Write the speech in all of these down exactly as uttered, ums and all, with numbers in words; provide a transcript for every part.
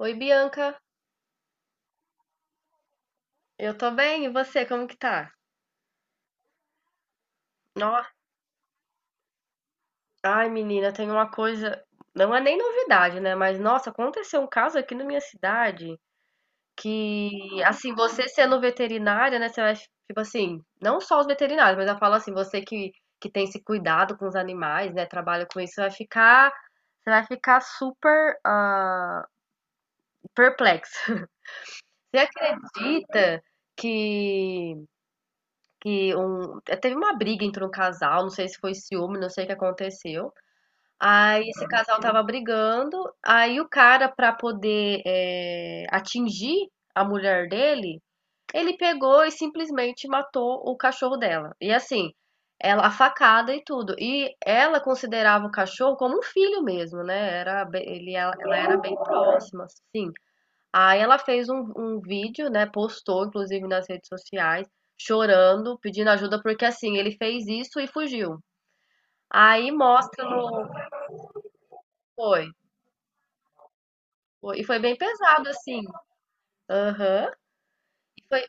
Oi, Bianca. Eu tô bem, e você, como que tá? Nossa, ai, menina, tem uma coisa, não é nem novidade, né? Mas nossa, aconteceu um caso aqui na minha cidade que, assim, você sendo veterinária, né, você vai, tipo assim, não só os veterinários, mas eu falo assim, você que que tem esse cuidado com os animais, né, trabalha com isso, você vai ficar, você vai ficar super ah, perplexo. Você acredita que Que um eh, teve uma briga entre um casal, não sei se foi ciúme, não sei o que aconteceu. Aí esse casal tava brigando, aí o cara pra poder, eh, atingir a mulher dele, ele pegou e simplesmente matou o cachorro dela. E assim, ela, a facada e tudo. E ela considerava o cachorro como um filho mesmo, né? Era, bem- ele, ela, ela era bem próxima, sim. Aí ela fez um, um vídeo, né? Postou, inclusive, nas redes sociais, chorando, pedindo ajuda, porque assim, ele fez isso e fugiu. Aí mostra no. Foi. foi- E foi bem pesado, assim. Aham. E foi,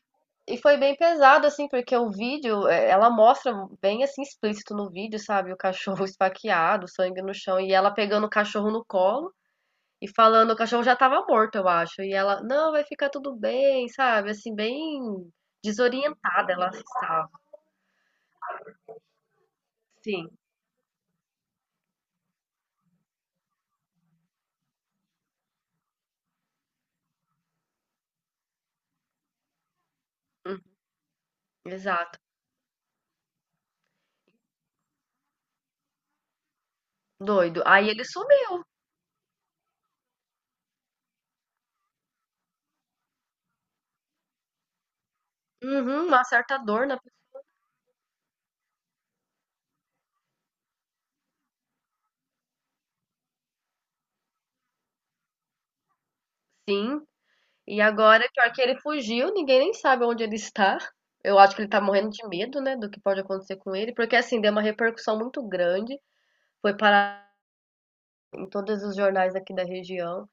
e foi bem pesado, assim, porque o vídeo, eh, ela mostra bem assim, explícito no vídeo, sabe? O cachorro esfaqueado, sangue no chão, e ela pegando o cachorro no colo e falando, o cachorro já tava morto, eu acho. E ela, não, vai ficar tudo bem, sabe? Assim, bem desorientada ela estava. Sim, hum, exato. Doido. Aí ele sumiu. Uhum, uma certa dor na pessoa. Sim. E agora, pior que ele fugiu, ninguém nem sabe onde ele está. Eu acho que ele tá morrendo de medo, né, do que pode acontecer com ele, porque assim, deu uma repercussão muito grande. Foi parar em todos os jornais aqui da região.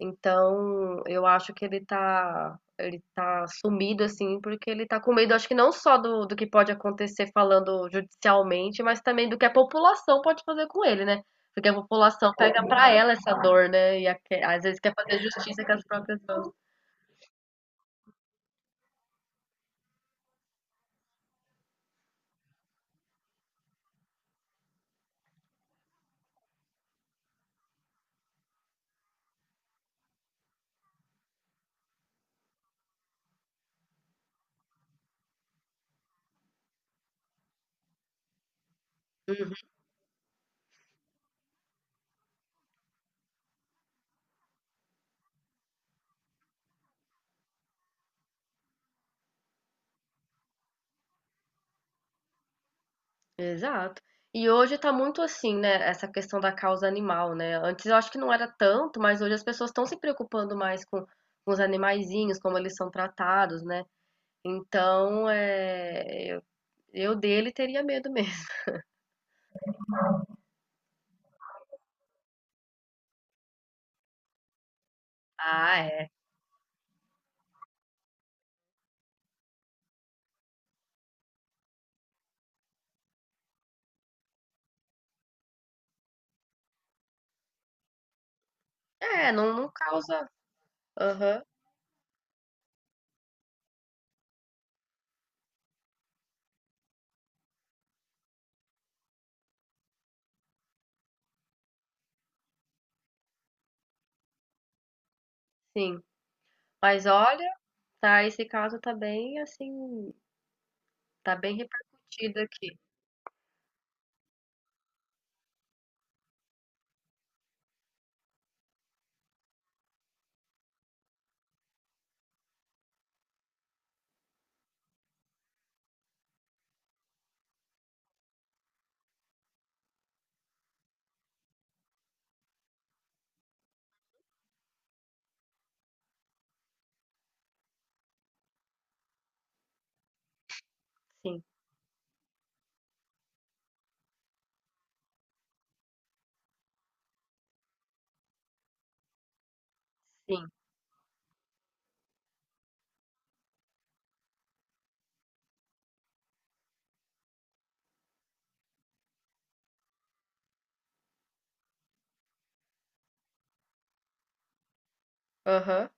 Então, eu acho que ele tá, ele tá sumido, assim, porque ele tá com medo, acho que não só do, do que pode acontecer falando judicialmente, mas também do que a população pode fazer com ele, né? Porque a população pega pra ela essa dor, né? E a- às vezes quer fazer justiça com as próprias mãos. Exato. E hoje tá muito assim, né, essa questão da causa animal, né? Antes eu acho que não era tanto, mas hoje as pessoas estão se preocupando mais com, com os animaizinhos, como eles são tratados, né? Então, é, eu, eu dele teria medo mesmo. Ah, é. É, não, não causa. Aham, sim. Mas olha, tá, esse caso tá bem assim, tá bem repercutido aqui. Sim, sim. Aham.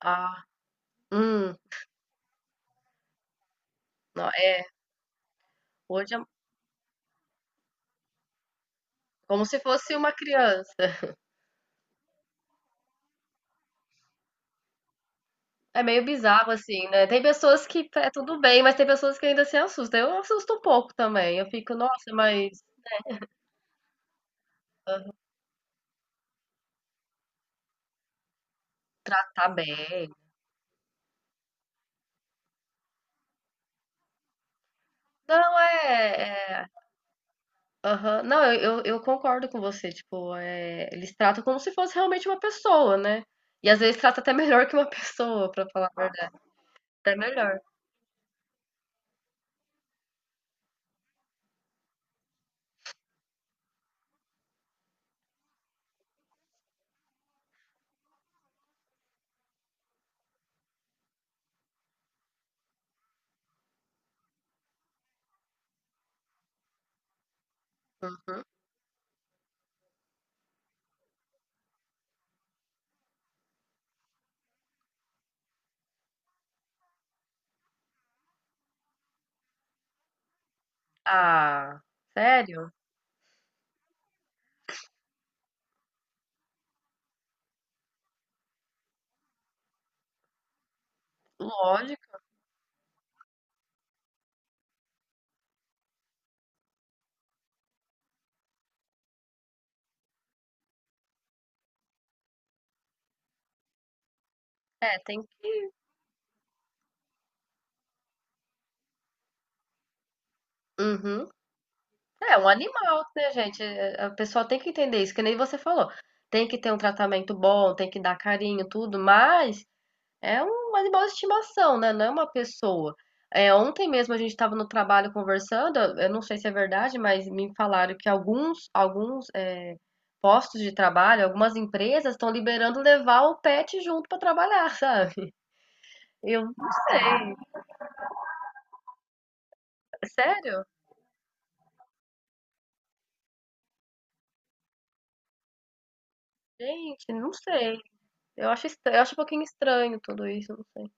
Ah, hum. Não, é, hoje é como se fosse uma criança. É meio bizarro, assim, né? Tem pessoas que tá, é tudo bem, mas tem pessoas que ainda se assustam. Eu assusto um pouco também. Eu fico, nossa, mas tá tá bem. Não, é. É... aham. Não, eu, eu, eu concordo com você. Tipo, é... eles tratam como se fosse realmente uma pessoa, né? E às vezes trata até melhor que uma pessoa, pra falar a verdade. Até melhor. Uhum. Ah, sério? Lógico. É, tem que. Uhum. É um animal, né, gente? É, é, a pessoa tem que entender isso, que nem você falou. Tem que ter um tratamento bom, tem que dar carinho, tudo, mas é um animal de estimação, né? Não é uma pessoa. É, ontem mesmo a gente estava no trabalho conversando, eu eu não sei se é verdade, mas me falaram que alguns, alguns é, postos de trabalho, algumas empresas estão liberando levar o pet junto para trabalhar, sabe? Eu não sei. Sério? Gente, não sei. Eu acho, estra- eu acho um pouquinho estranho tudo isso, não sei.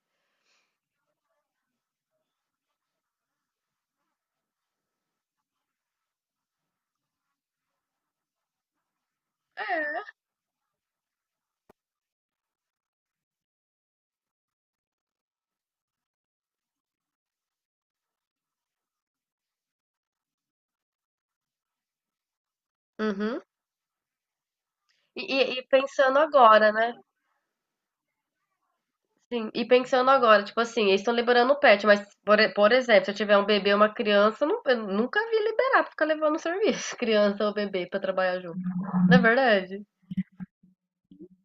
Uhum. E, e- e pensando agora, né? Sim, e pensando agora, tipo assim, eles estão liberando o pet, mas, por, e- por exemplo, se eu tiver um bebê ou uma criança, eu, não- eu nunca vi liberar pra ficar levando serviço, criança ou bebê, pra trabalhar junto. Não é verdade?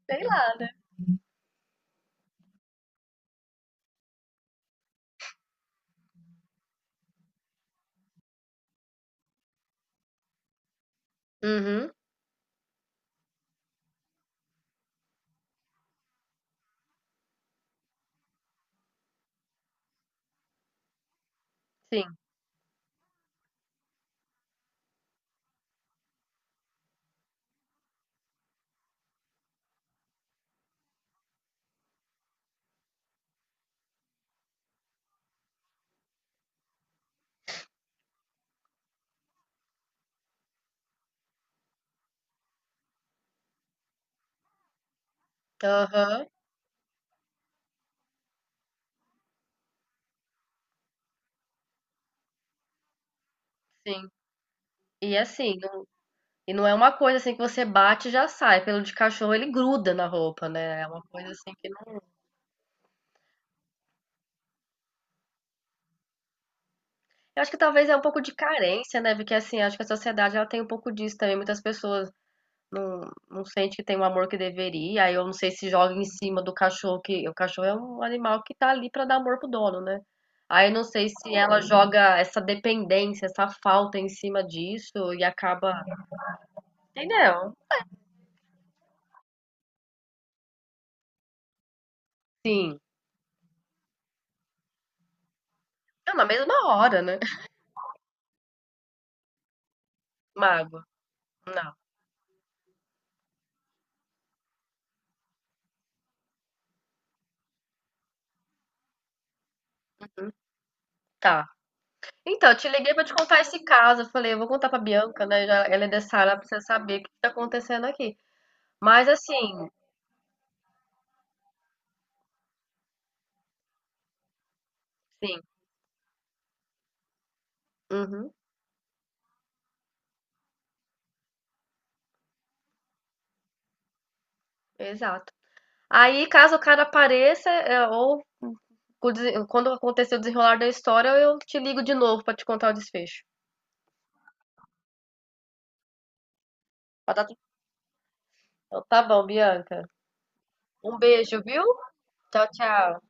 Sei lá, né? Uhum, sim. Aham, sim. E assim, não, e não é uma coisa assim que você bate e já sai. Pelo de cachorro, ele gruda na roupa, né? É uma coisa assim que não. Eu acho que talvez é um pouco de carência, né? Porque assim, acho que a sociedade ela tem um pouco disso também. Muitas pessoas. Não, não sente que tem o amor que deveria. Aí eu não sei se joga em cima do cachorro, que o cachorro é um animal que tá ali pra dar amor pro dono, né? Aí eu não sei se ela joga essa dependência, essa falta em cima disso e acaba. Entendeu? Sim. É na mesma hora, né? Mago. Não. Tá. Então, eu te liguei pra te contar esse caso. Eu falei, eu vou contar pra Bianca, né? Já- Ela é dessa área, ela precisa saber o que tá acontecendo aqui. Mas assim, sim. Uhum, exato. Aí, caso o cara apareça, é, ou com o desen- quando acontecer o desenrolar da história, eu te ligo de novo pra te contar o desfecho. Pra dar tudo- Então, tá bom, Bianca. Um beijo, viu? Tchau, tchau.